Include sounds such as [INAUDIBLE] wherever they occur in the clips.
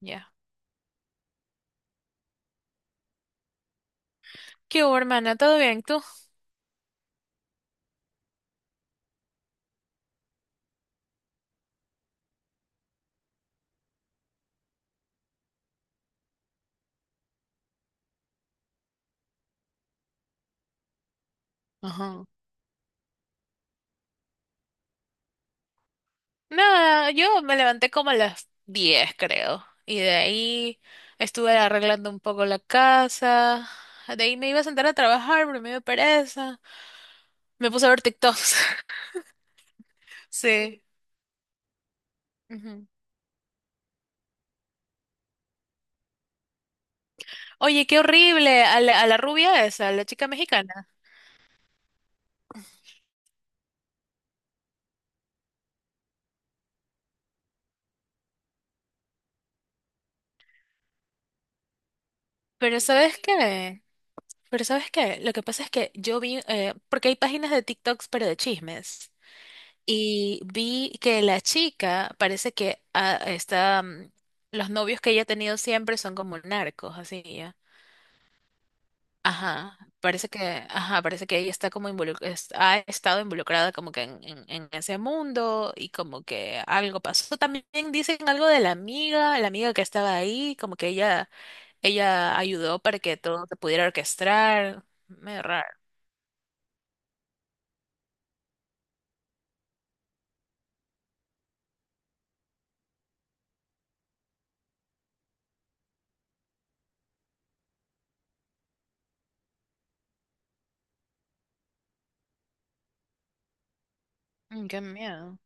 Ya. ¿Qué hubo, hermana? ¿Todo bien tú? Ajá. Nada, yo me levanté como a las 10, creo. Y de ahí estuve arreglando un poco la casa. De ahí me iba a sentar a trabajar, pero me dio pereza. Me puse a ver TikToks. [LAUGHS] Sí. Ujú. Oye, qué horrible. A la rubia esa, a la chica mexicana. Pero ¿sabes qué? Pero ¿sabes qué? Lo que pasa es que yo vi, porque hay páginas de TikToks, pero de chismes. Y vi que la chica parece que está, los novios que ella ha tenido siempre son como narcos, así ya. Ajá, parece que, ajá, parece que ella está como involucrada, ha estado involucrada como que en ese mundo y como que algo pasó. También dicen algo de la amiga que estaba ahí, como que ella ayudó para que todo se pudiera orquestar. Medio raro. Mm, qué miedo.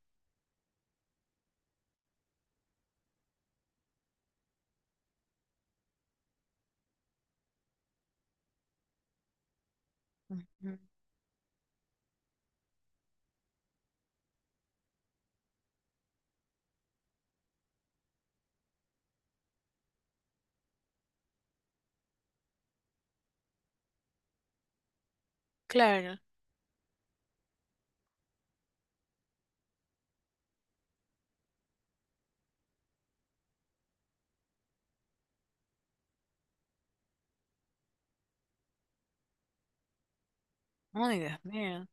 Ujú. Claro. Ay, Dios mío.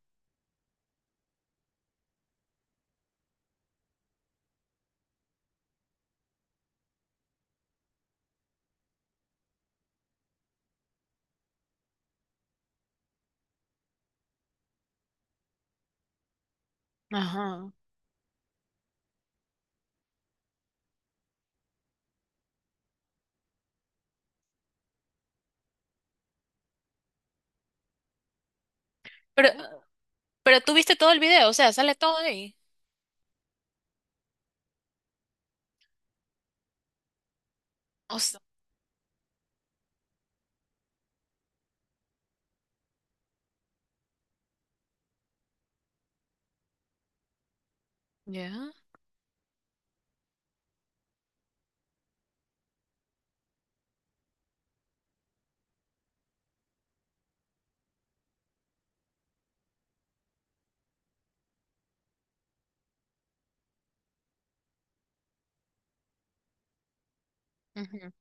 Ajá. Pero, Pero tú viste todo el video, o sea, sale todo ahí. O sea, ya. Ujú.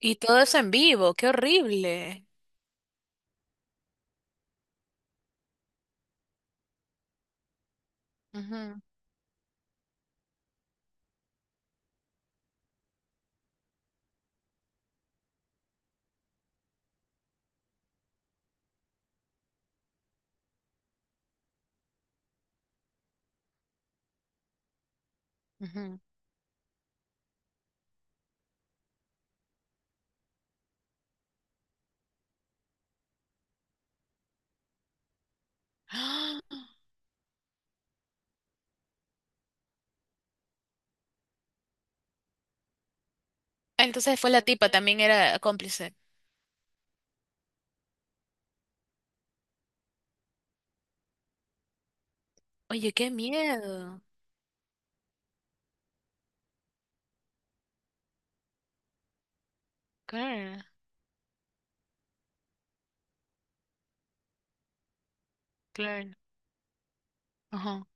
Y todo eso en vivo, qué horrible. Ujú, ujú. ¡Ah! Entonces fue la tipa, también era cómplice. Oye, qué miedo. Claro, claro. Ajá.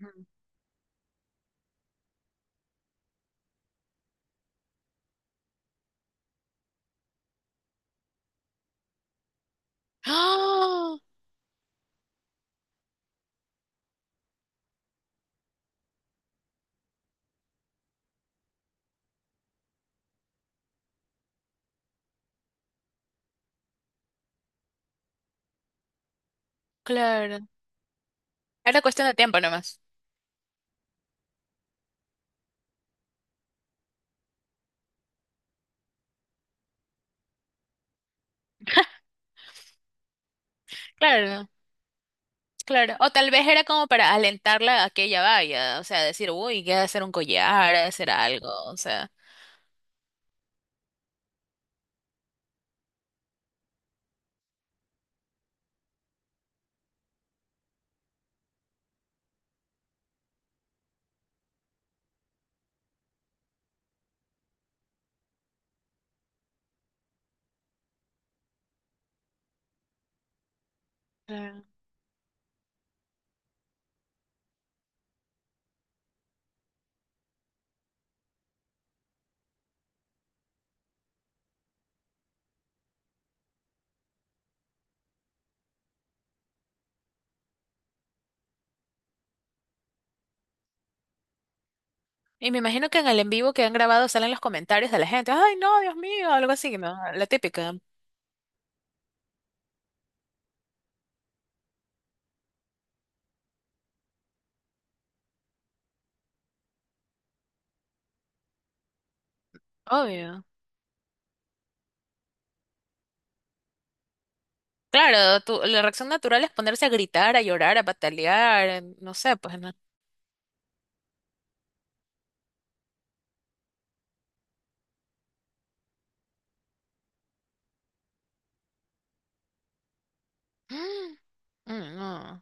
Ujú. ¡Ah! Claro. Era cuestión de tiempo nomás. Claro, claro. O tal vez era como para alentarla a que ella vaya, o sea, decir, uy, que ha de hacer un collar, ha de hacer algo, o sea. Y me imagino que en el en vivo que han grabado salen los comentarios de la gente. Ay, no, Dios mío, algo así, ¿no? La típica. Obvio. Claro, la reacción natural es ponerse a gritar, a llorar, a patalear, no sé, pues no. [GASPS] Mm, no.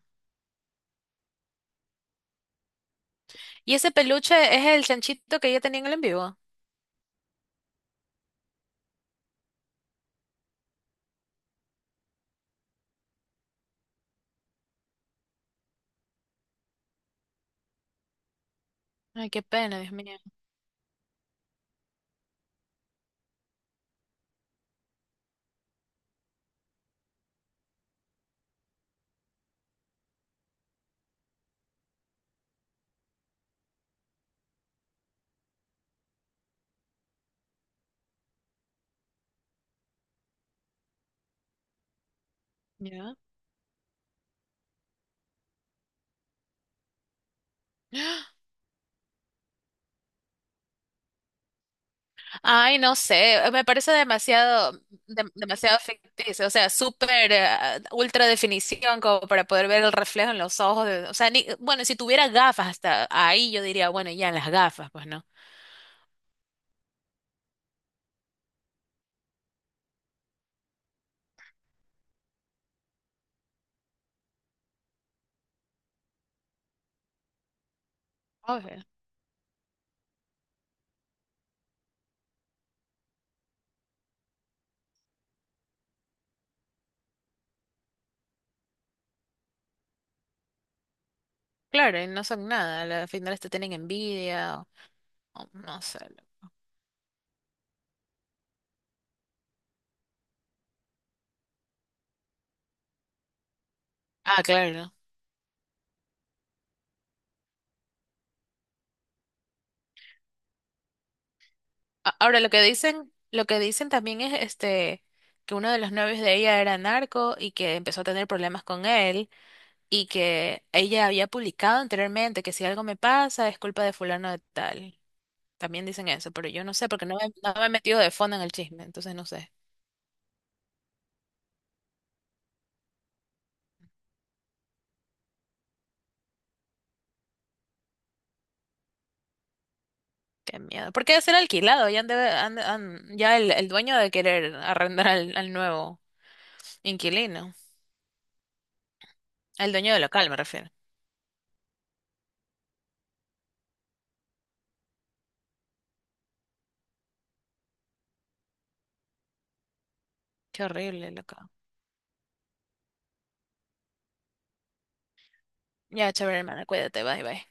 ¿Y ese peluche es el chanchito que ella tenía en el en vivo? Ay, qué pena, Dios mío. ¿Ya? Ay, no sé, me parece demasiado, demasiado ficticio, o sea, súper ultra definición como para poder ver el reflejo en los ojos, o sea, ni, bueno, si tuviera gafas hasta ahí yo diría, bueno, ya las gafas, pues no. Obvio. Claro, y no son nada, al final te tienen envidia, o no sé. Ah, claro. Ahora lo que dicen también es este que uno de los novios de ella era narco y que empezó a tener problemas con él. Y que ella había publicado anteriormente que si algo me pasa es culpa de fulano de tal. También dicen eso, pero yo no sé porque no me he metido de fondo en el chisme, entonces no sé. Qué miedo. Porque debe ser alquilado, ya, han de- han- han- ya el dueño de querer arrendar al nuevo inquilino. El dueño del local, me refiero. Qué horrible, loco. Ya, chévere, hermana, cuídate, bye, bye.